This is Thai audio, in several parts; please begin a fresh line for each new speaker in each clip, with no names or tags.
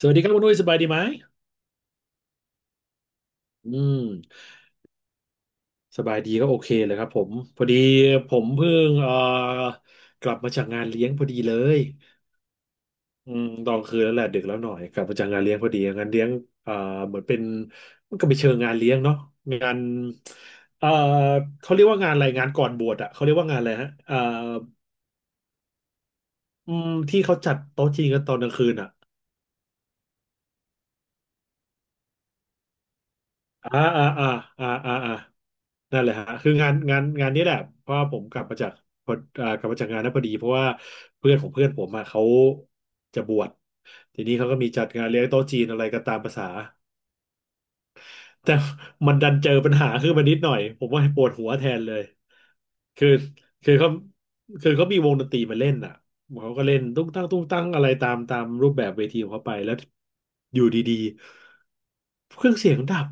สวัสดีครับคุณนุ้ยสบายดีไหมอืมสบายดีก็โอเคเลยครับผมพอดีผมเพิ่งกลับมาจากงานเลี้ยงพอดีเลยอืมตอนคืนแล้วแหละดึกแล้วหน่อยกลับมาจากงานเลี้ยงพอดีงานเลี้ยงเอ่อเหมือนเป็นมันก็ไปเชิงงานเลี้ยงเนาะงานเอ่อเขาเรียกว่างานอะไรงานก่อนบวชอะเขาเรียกว่างานอะไรฮะอืมที่เขาจัดโต๊ะจีนกันตอนกลางคืนอะ อ่าอ่าอ่าอ่าอ่าอ่านั่นแหละฮะคืองานนี้แหละเพราะว่าผมกลับมาจากพออ่ากลับมาจากงานนั้นพอดีเพราะว่าเพื่อนของเพื่อนผมอะเขาจะบวชทีนี้เขาก็มีจัดงานเลี้ยงโต๊ะจีนอะไรก็ตามภาษาแต่มันดันเจอปัญหาขึ้นมานิดหน่อยผมว่าปวดหัวแทนเลยคือคือเขาคือเขามีวงดนตรีมาเล่นอ่ะเขาก็เล่นตุ้งตั้งตุ้งตั้งอะไรตามรูปแบบเวทีของเขาไปแล้วอยู่ดีๆเครื่องเสียงดับ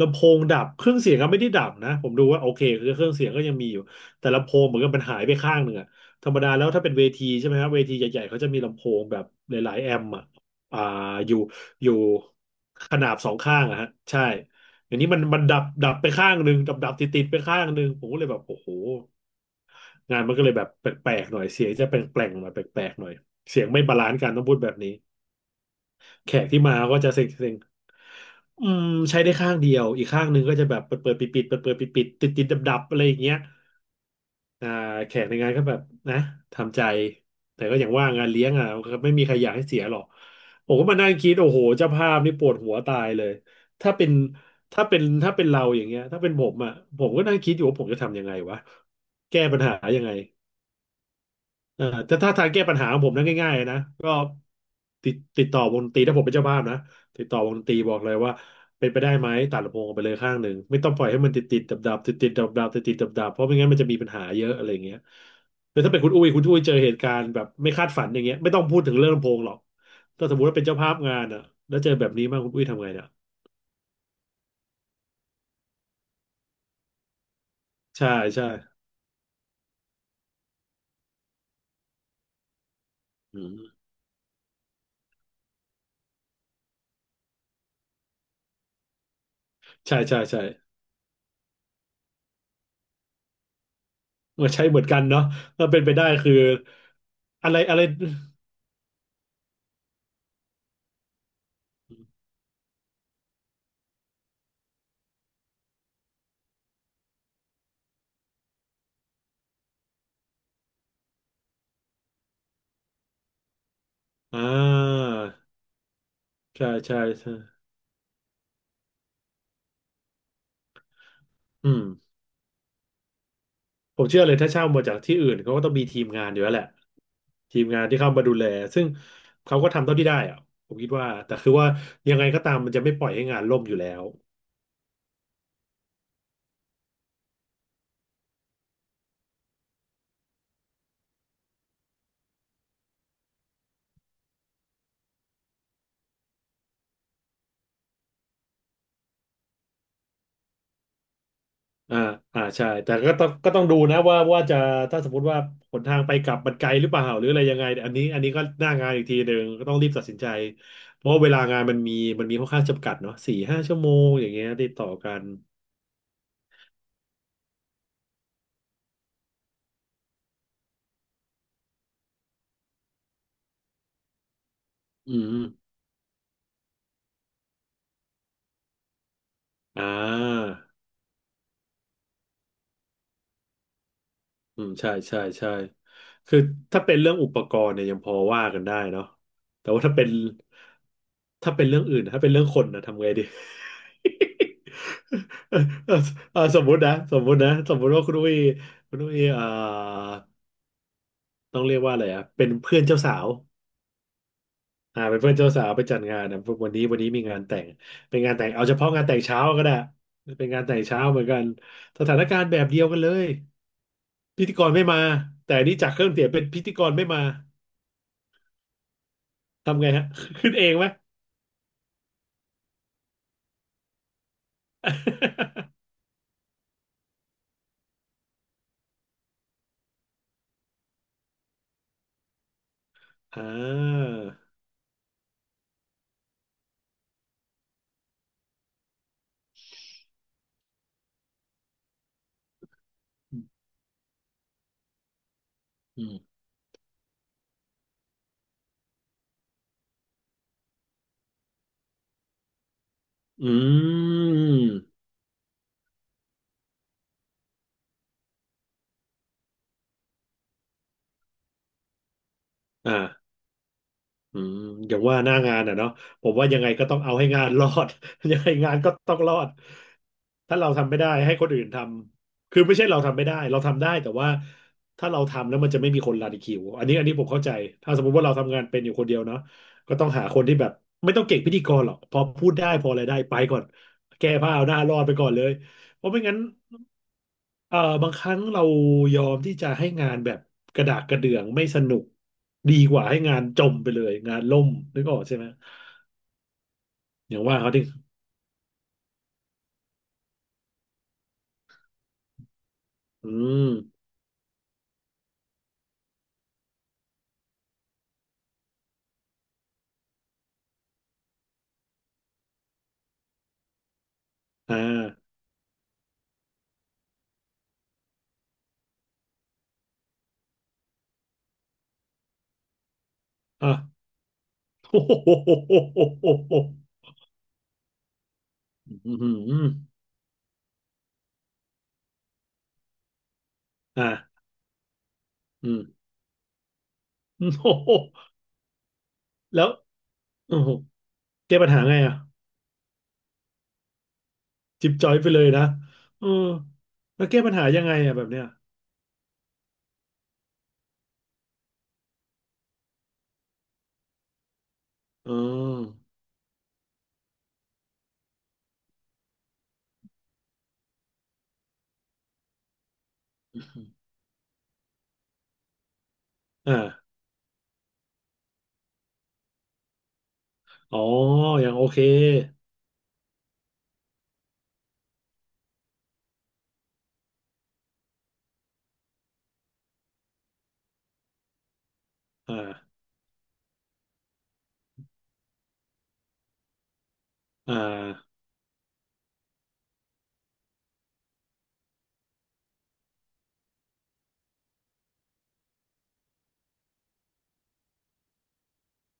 ลำโพงดับเครื่องเสียงก็ไม่ได้ดับนะผมดูว่าโอเคคือเครื่องเสียงก็ยังมีอยู่แต่ลำโพงเหมือนกับมันหายไปข้างหนึ่งอะธรรมดาแล้วถ้าเป็นเวทีใช่ไหมครับเวทีใหญ่ๆเขาจะมีลำโพงแบบหลายๆแอมป์อะอ่าอยู่อยู่ขนาบสองข้างอะฮะใช่อย่างนี้มันดับดับไปข้างหนึ่งดับดับติดติดไปข้างหนึ่งผมก็เลยแบบโอ้โหงานมันก็เลยแบบแปลกๆหน่อยเสียงจะแปลงๆหน่อยแปลกๆหน่อยเสียงไม่บาลานซ์กันต้องพูดแบบนี้ แขกที่มาก็จะเซ็งเซ็งอืมใช้ได้ข้างเดียวอีกข้างหนึ่งก็จะแบบเปิดเปิดปิดปิดเปิดเปิดปิดปิดติดติดดับดับๆอะไรอย่างเงี้ยอ่าแขกในงานก็แบบนะทำใจแต่ก็อย่างว่างานเลี้ยงอ่ะก็ไม่มีใครอยากให้เสียหรอกผมก็มานั่งคิดโอ้โหเจ้าภาพนี่ปวดหัวตายเลยถ้าเป็นถ้าเป็นเราอย่างเงี้ยถ้าเป็นผมอ่ะผมก็นั่งคิดอยู่ว่าผมจะทำยังไงวะแก้ปัญหายังไง เออแต่ถ้าทางแก้ปัญหาของผมนั้นง่ายๆนะก็ติดต่อวงดนตรีถ้าผมเป็นเจ้าภาพนะติดต่อวงดนตรีบอกเลยว่าเป็นไปได้ไหมตัดลำโพงออกไปเลยข้างหนึ่งไม่ต้องปล่อยให้มันติดติดดับดับติดติดดับดับติดติดดับดับเพราะไม่งั้นมันจะมีปัญหาเยอะอะไรอย่างเงี้ยแต่ถ้าเป็นคุณอุ้ยเจอเหตุการณ์แบบไม่คาดฝันอย่างเงี้ยไม่ต้องพูดถึงเรื่องลำโพงหรอกถ้าสมมติว่าเป็นเจ้าภาพงานอ่ะแล้วเจอแบบนี้มากคุณอุ้ยทำไงเนี่ยใช่ใช่อืมใช่ใช่ใช่มาใช้เหมือนกันเนาะถ้าเป็นไปได้คืออะไรอะไรอ่า ใช่ใช่ใช่อืมผมเชื่อเลยถ้าเช่ามาจากที่อื่นเขาก็ต้องมีทีมงานอยู่แล้วแหละทีมงานที่เข้ามาดูแลซึ่งเขาก็ทำเท่าที่ได้อะผมคิดว่าแต่คือว่ายังไงก็ตามมันจะไม่ปล่อยให้งานล่มอยู่แล้วอ่าอ่าใช่แต่ก็ต้องดูนะว่าจะถ้าสมมติว่าหนทางไปกลับมันไกลหรือเปล่าหรืออะไรยังไงอันนี้ก็หน้างานอีกทีหนึ่งก็ต้องรีบตัดสินใจเพราะว่าเวลางานมันมีมีค่อนข้างจำกัดเนาะสี่ห้าชั่วโมงอย่างเงี้ยติดต่อกันอืมอ่า อืมใช่ใช่ใช่คือถ้าเป็นเรื่องอุปกรณ์เนี่ยยังพอว่ากันได้เนาะแต่ว่าถ้าเป็นเรื่องอื่นถ้าเป็นเรื่องคนนะทำไงดี เออ เออเออสมมุติว่าคุณอุ้ยคุณอุ้ยเอ่อต้องเรียกว่าอะไรอ่ะเป็นเพื่อนเจ้าสาวอ่าเป็นเพื่อนเจ้าสาวไปจัดงานนะวันนี้มีงานแต่งเป็นงานแต่งเอาเฉพาะงานแต่งเช้าก็ได้เป็นงานแต่งเช้าเหมือนกันสถานการณ์แบบเดียวกันเลย พิธีกรไม่มาแต่อันนี่จากเครื่องเสียงเป็นพิธีกรไม่มาทำไงฮะ ขึ้นเองไหม อ่าอืมอืมอ่า อืมอย่างว่าหน้างานอ่ะเนาะผมว่ายังไงก็ต้องเอาให้งานรอด ยังไงงานก็ต้องรอดถ้าเราทำไม่ได้ให้คนอื่นทำคือไม่ใช่เราทำไม่ได้เราทำได้แต่ว่าถ้าเราทำแล้วมันจะไม่มีคนรันคิวอันนี้ผมเข้าใจถ้าสมมติว่าเราทำงานเป็นอยู่คนเดียวเนาะก็ต้องหาคนที่แบบไม่ต้องเก่งพิธีกรหรอกพอพูดได้พออะไรได้ไปก่อนแก้ผ้าเอาหน้ารอดไปก่อนเลย เพราะไม่งั้นเอ่อ บางครั้งเรายอมที่จะให้งานแบบกระดากกระเดื่องไม่สนุกดีกว่าให้งานจมไปเลยงานล่มนึกออกใช่ไหมอย่างว่าเขาดิอืมอ่าอ่ะ โอ้โหอืมอ่าอืม โอ้โหแล้วโอ้โหแก้ปัญหาไงอ่ะจิบจอยไปเลยนะเออแล้วแก้ปัญหายังไงอ่ะแบบเนี้ยอืมอ่าอ๋ออยางโอเคอ่าอ่า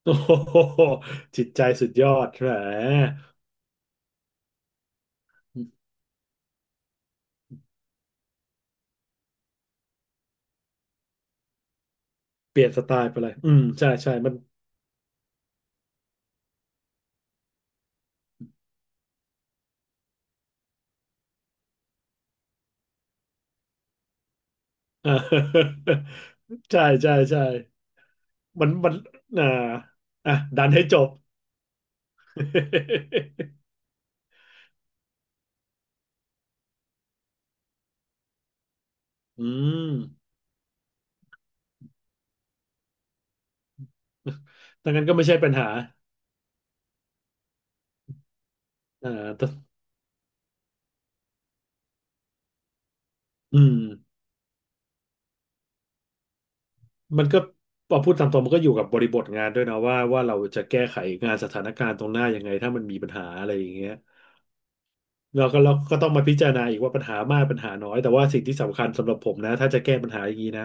โอ้ โหจิตใจสุดยอดแหม เปลี่ยนสไตล์ไปเลยอืมใช่มันอ่า ใช่มันอ่าอ่ะดันให้จบ อืมดังนั้นก็ไม่ใช่ปัญหาอ่าแต่อืมมันก็พอพูดตามตรงมันก็อยู่กับบริบทงานด้วยนะว่าเราจะแก้ไขงานสถานการณ์ตรงหน้ายังไงถ้ามันมีปัญหาอะไรอย่างเงี้ย เราก็ต้องมาพิจารณาอีกว่าปัญหามากปัญหาน้อยแต่ว่าสิ่งที่สำคัญสำหรับผมนะถ้าจะแก้ปัญหาอย่างนี้นะ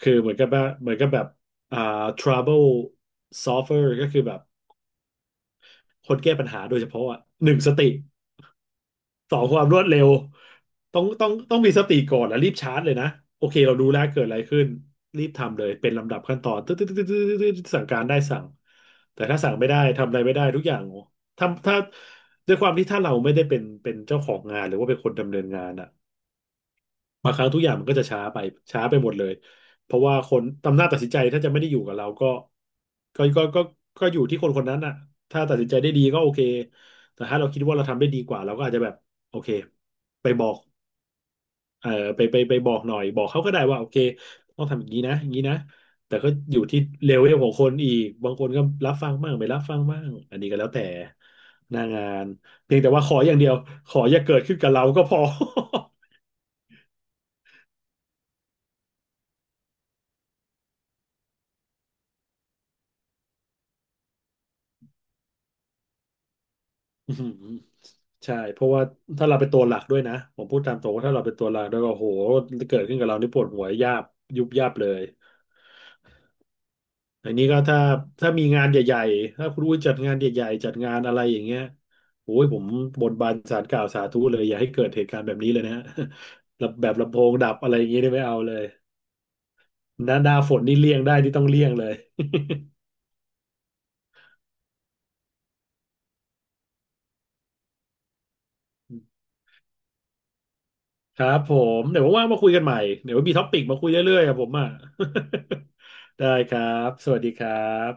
คือเหมือนกับว่าเหมือนกับแบบอ่า trouble solver ก็คือแบบคนแก้ปัญหาโดยเฉพาะอ่ะหนึ่งสติสองความรวดเร็วต้องมีสติก่อนแล้วรีบชาร์จเลยนะโอเคเรารู้แล้วเกิดอะไรขึ้นรีบทำเลยเป็นลำดับขั้นตอนตึ๊ดตึ๊ดตึ๊ดตึ๊ดตึ๊ดสั่งการได้สั่งแต่ถ้าสั่งไม่ได้ทำอะไรไม่ได้ทุกอย่างถ้าด้วยความที่ถ้าเราไม่ได้เป็นเจ้าของงานหรือว่าเป็นคนดำเนินงานอ่ะ บางครั้งทุกอย่างมันก็จะช้าไปช้าไปหมดเลยเพราะว่าคนอำนาจตัดสินใจถ้าจะไม่ได้อยู่กับเราก็ก็ก็ก็ก็อยู่ที่คนคนนั้นอ่ะถ้าตัดสินใจได้ดีก็โอเคแต่ถ้าเราคิดว่าเราทำได้ดีกว่าเราก็อาจจะแบบโอเคไปบอกเอ่อไปบอกหน่อยบอกเขาก็ได้ว่าโอเคต้องทำอย่างนี้นะอย่างนี้นะแต่ก็อยู่ที่เลเวลของคนอีกบางคนก็รับฟังบ้างไม่รับฟังบ้างอันนี้ก็แล้วแต่หน้างานเพียงแต่ว่าขออย่างเดียวขออย่าเกิดขึ้นกับเราก็พอ อืมใช่เพราะว่าถ้าเราเป็นตัวหลักด้วยนะผมพูดตามตรงว่าถ้าเราเป็นตัวหลักด้วยก็โหเกิดขึ้นกับเรานี่ปวดหัวยาบยุบยับเลยอันนี้ก็ถ้ามีงานใหญ่ๆถ้าคุณอุ้ยจัดงานใหญ่ๆจัดงานอะไรอย่างเงี้ยโอ้ยผมบนบานศาลกล่าวสาธุเลยอย่าให้เกิดเหตุการณ์แบบนี้เลยนะฮะ แบบลำโพงดับอะไรอย่างเงี้ยนี่ไม่เอาเลยหน้าฝนนี่เลี่ยงได้นี่ต้องเลี่ยงเลย ครับผมเดี๋ยวว่างๆมาคุยกันใหม่เดี๋ยวมีท็อปปิกมาคุยเรื่อยๆครับผมอ่ะ ได้ครับสวัสดีครับ